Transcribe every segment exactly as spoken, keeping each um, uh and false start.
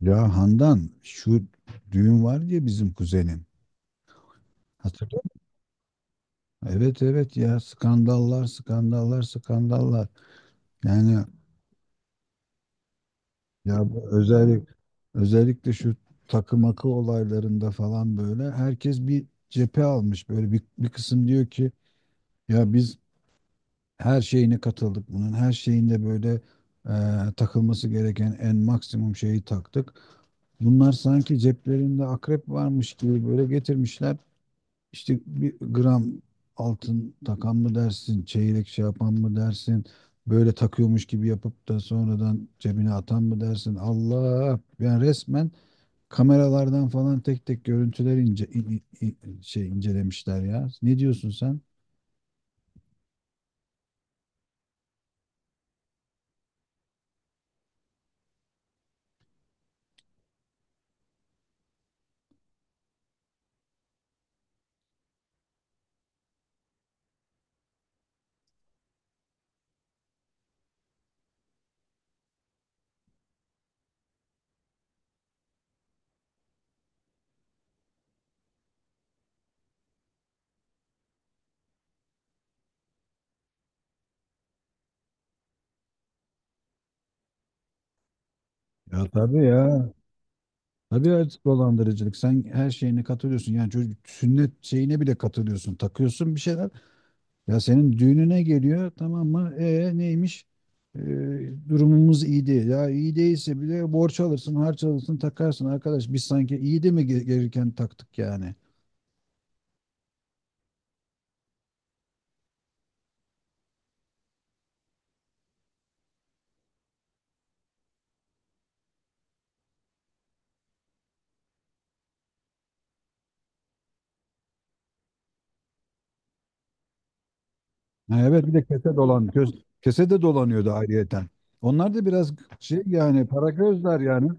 Ya Handan şu düğün var diye bizim kuzenin. Hatırlıyor musun? Evet evet, ya skandallar skandallar skandallar. Yani, ya bu özellik özellikle şu takı makı olaylarında falan böyle herkes bir cephe almış. Böyle bir, bir kısım diyor ki, ya biz her şeyine katıldık bunun. Her şeyinde böyle e, takılması gereken en maksimum şeyi taktık. Bunlar sanki ceplerinde akrep varmış gibi böyle getirmişler. İşte bir gram altın takan mı dersin, çeyrek şey yapan mı dersin, böyle takıyormuş gibi yapıp da sonradan cebine atan mı dersin? Allah! Yani resmen kameralardan falan tek tek görüntüler ince, in- in- in- şey incelemişler ya. Ne diyorsun sen? Ya tabii ya. Tabii evet, dolandırıcılık. Sen her şeyine katılıyorsun. Yani çocuk sünnet şeyine bile katılıyorsun. Takıyorsun bir şeyler. Ya senin düğününe geliyor, tamam mı? E neymiş? E, Durumumuz iyi değil. Ya iyi değilse bile borç alırsın, harç alırsın, takarsın. Arkadaş biz sanki iyi de mi ge- gelirken taktık yani? Ha, evet, bir de kese dolan. Göz, kese de dolanıyordu ayrıyeten. Onlar da biraz şey, yani para gözler yani.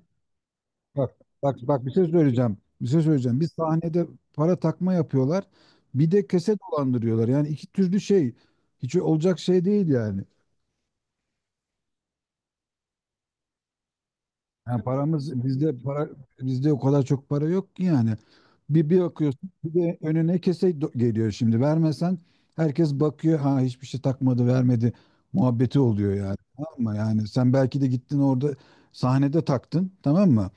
Bak, bak, bak, bir şey söyleyeceğim. Bir şey söyleyeceğim. Bir sahnede para takma yapıyorlar. Bir de kese dolandırıyorlar. Yani iki türlü şey. Hiç olacak şey değil yani. Yani paramız bizde para bizde o kadar çok para yok ki yani. Bir bir bakıyorsun, bir de önüne kese do- geliyor şimdi. Vermesen herkes bakıyor. Ha, hiçbir şey takmadı, vermedi muhabbeti oluyor yani. Tamam mı? Yani sen belki de gittin orada sahnede taktın, tamam mı?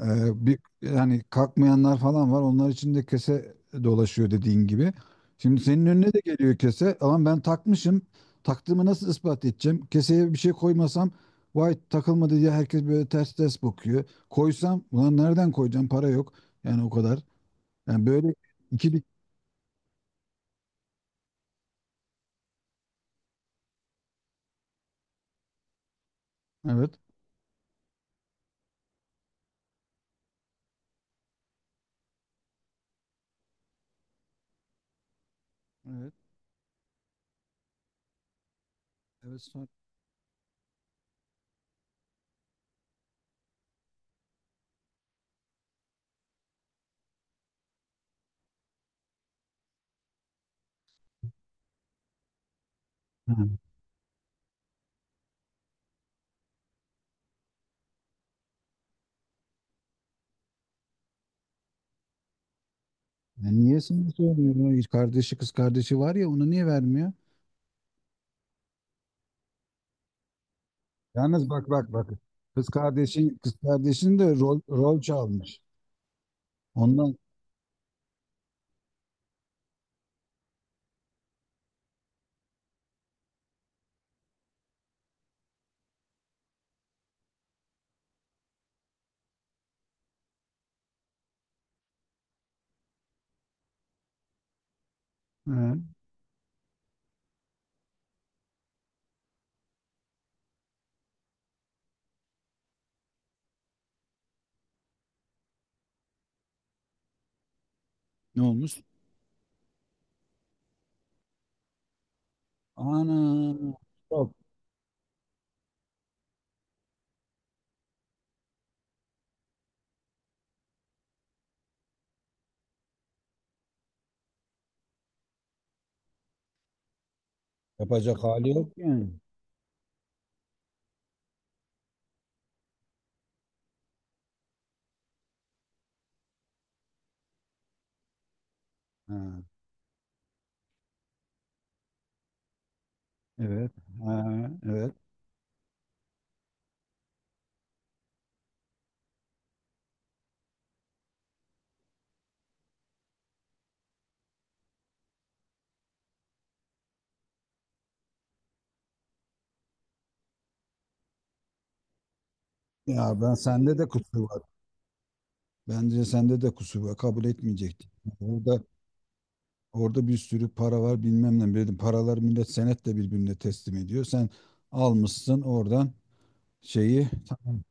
Ee, bir yani kalkmayanlar falan var. Onlar için de kese dolaşıyor dediğin gibi. Şimdi senin önüne de geliyor kese. Ama ben takmışım. Taktığımı nasıl ispat edeceğim? Keseye bir şey koymasam vay takılmadı diye herkes böyle ters ters bakıyor. Koysam ulan nereden koyacağım? Para yok. Yani o kadar. Yani böyle ikili, evet. Evet. Evet. sonra- Ha. Ya niye sana söylüyor? Kardeşi, kız kardeşi var ya, onu niye vermiyor? Yalnız bak, bak, bak. Kız kardeşin kız kardeşin de rol rol çalmış. Ondan Ha. Ne olmuş? Ana, yok. Yapacak hali yok yani. Ha, evet. Ha, evet. Ya, ben sende de kusur var. Bence sende de kusur var. Kabul etmeyecektin. Orada orada bir sürü para var, bilmem ne. Dedim, paralar millet senetle birbirine teslim ediyor. Sen almışsın oradan şeyi. Tamam.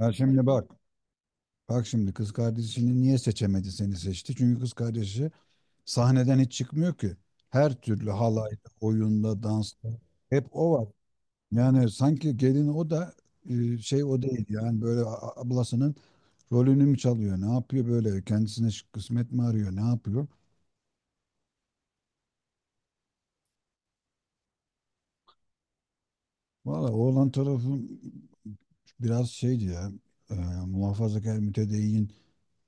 Ben şimdi bak. Bak şimdi, kız kardeşini niye seçemedi, seni seçti? Çünkü kız kardeşi sahneden hiç çıkmıyor ki. Her türlü halayda, oyunda, dansta hep o var. Yani sanki gelin o da, e, şey, o değil yani, böyle a- ablasının rolünü mü çalıyor? Ne yapıyor böyle? Kendisine ş- kısmet mi arıyor? Ne yapıyor? Valla oğlan tarafı biraz şeydi ya, e, muhafazakar, mütedeyyin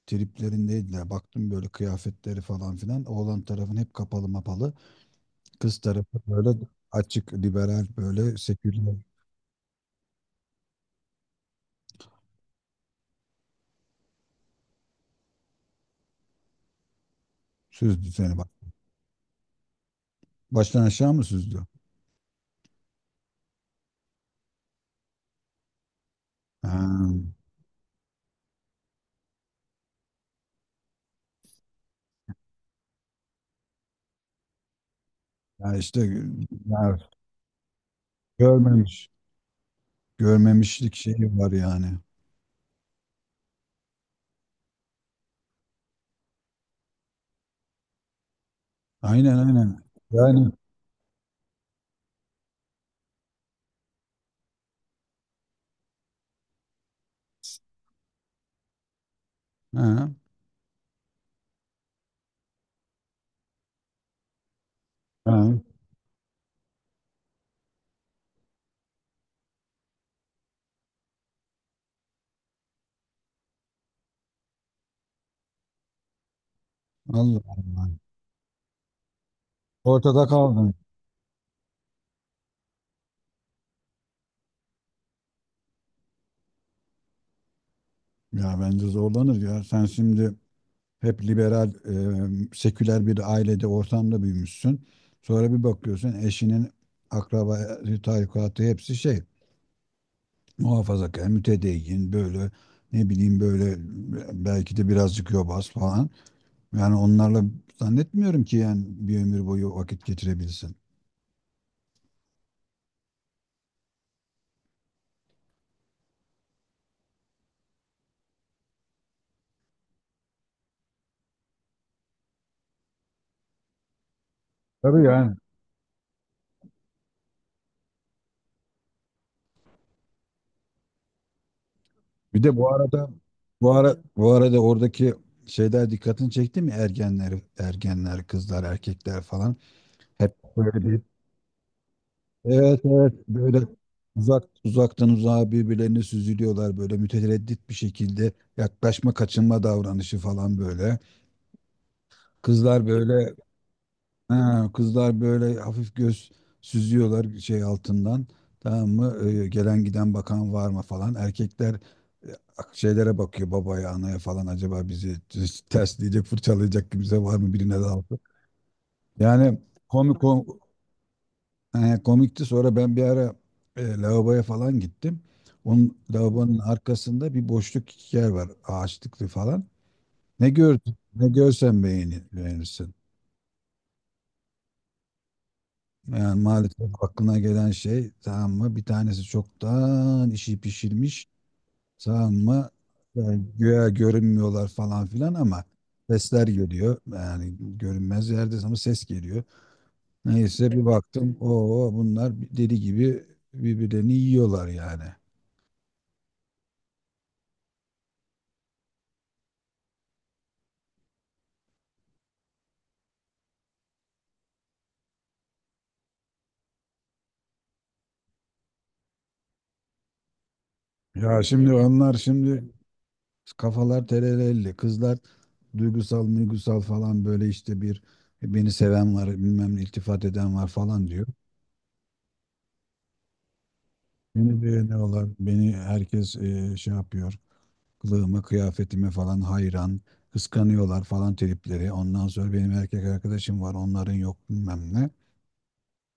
triplerindeydiler. Baktım böyle kıyafetleri falan filan. Oğlan tarafın hep kapalı mapalı. Kız tarafı böyle açık, liberal, böyle seküler söz düzeni. Baştan aşağı mı süzdü? Ha, ya işte, ya görmemiş. Görmemişlik şeyi var yani. Aynen aynen. Yani, ha, ha. Allah Allah. Ortada kaldın. Ya bence zorlanır ya. Sen şimdi hep liberal, e, seküler bir ailede, ortamda büyümüşsün. Sonra bir bakıyorsun, eşinin akraba, tarikatı hepsi şey, muhafazakar, mütedeyyin, böyle ne bileyim böyle belki de birazcık yobaz falan. Yani onlarla zannetmiyorum ki yani bir ömür boyu vakit geçirebilsin. Tabii yani. Bir de bu arada bu ara bu arada oradaki şeyler dikkatini çekti mi? Ergenler ergenler, kızlar, erkekler falan hep böyle bir evet evet, böyle uzak uzaktan uzağa birbirlerine süzülüyorlar, böyle mütereddit bir şekilde yaklaşma kaçınma davranışı falan böyle. Kızlar böyle, ha, kızlar böyle hafif göz süzüyorlar şey altından, tamam mı? Ee, gelen giden bakan var mı falan, erkekler e, şeylere bakıyor, babaya, anaya falan, acaba bizi ters tersleyecek, fırçalayacak kimse var mı, birine daldı. Yani komik. He, komikti. Sonra ben bir ara e, lavaboya falan gittim. Onun lavabonun arkasında bir boşluk yer var. Ağaçlıklı falan. Ne gördün? Ne görsen beğeni, beğenirsin. Yani maalesef aklına gelen şey, tamam mı? Bir tanesi çoktan işi pişirmiş. Tamam mı? Yani güya görünmüyorlar falan filan ama sesler geliyor. Yani görünmez yerde ama ses geliyor. Neyse bir baktım. Oo, bunlar deli gibi birbirlerini yiyorlar yani. Ya şimdi onlar, şimdi kafalar terelelli. Kızlar duygusal duygusal falan böyle, işte bir beni seven var, bilmem ne, iltifat eden var falan diyor. Beni beğeniyorlar. Beni herkes e, şey yapıyor. Kılığıma, kıyafetime falan hayran. Kıskanıyorlar falan tripleri. Ondan sonra benim erkek arkadaşım var, onların yok bilmem ne.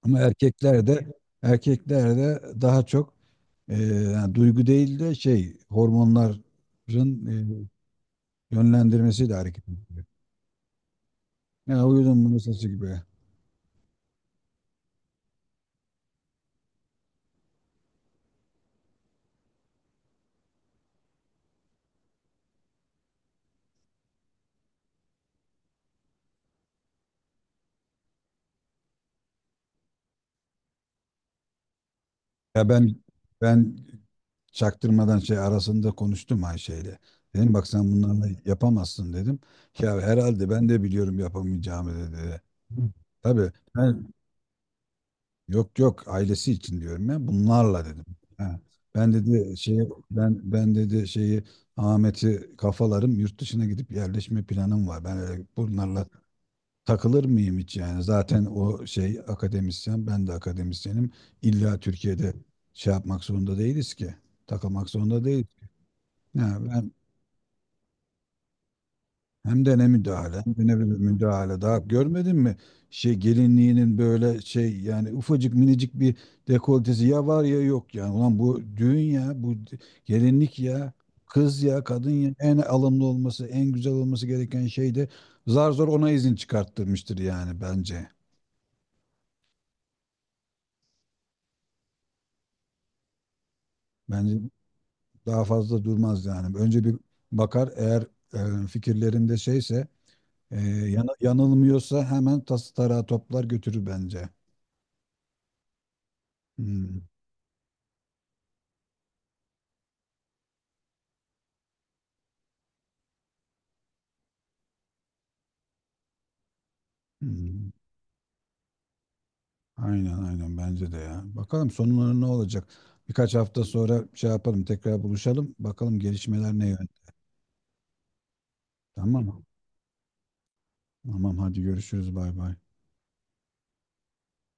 Ama erkekler de, erkekler de daha çok e, yani duygu değil de şey, hormonların e, yönlendirmesiyle hareket ediyor. Ya uyudum bunun sesi gibi. Ya ben ben çaktırmadan şey arasında konuştum Ayşe'yle. Dedim bak, sen bunlarla yapamazsın dedim. Ya herhalde ben de biliyorum yapamayacağımı dedi. Hı. Tabii ben, yok yok ailesi için diyorum ya bunlarla dedim. Ha. Ben dedi şey ben ben dedi şeyi Ahmet'i kafalarım, yurt dışına gidip yerleşme planım var. Ben öyle bunlarla takılır mıyım hiç yani? Zaten o şey akademisyen, ben de akademisyenim. İlla Türkiye'de şey yapmak zorunda değiliz ki. Takılmak zorunda değil. Yani ben, hem de ne müdahale, hem de ne bir müdahale. Daha görmedin mi? Şey gelinliğinin böyle şey, yani ufacık minicik bir dekoltesi ya var ya yok yani. Ulan bu düğün ya, bu gelinlik ya, kız ya, kadın ya. En alımlı olması, en güzel olması gereken şey de zar zor ona izin çıkarttırmıştır yani bence. Bence daha fazla durmaz yani. Önce bir bakar, eğer e, fikirlerinde şeyse, e, yana- yanılmıyorsa hemen tas tarağı toplar götürür bence. Hmm, hmm. Aynen aynen bence de ya. Bakalım sonları ne olacak? Birkaç hafta sonra şey yapalım, tekrar buluşalım. Bakalım gelişmeler ne yönde. Tamam mı? Tamam, hadi görüşürüz, bay bay.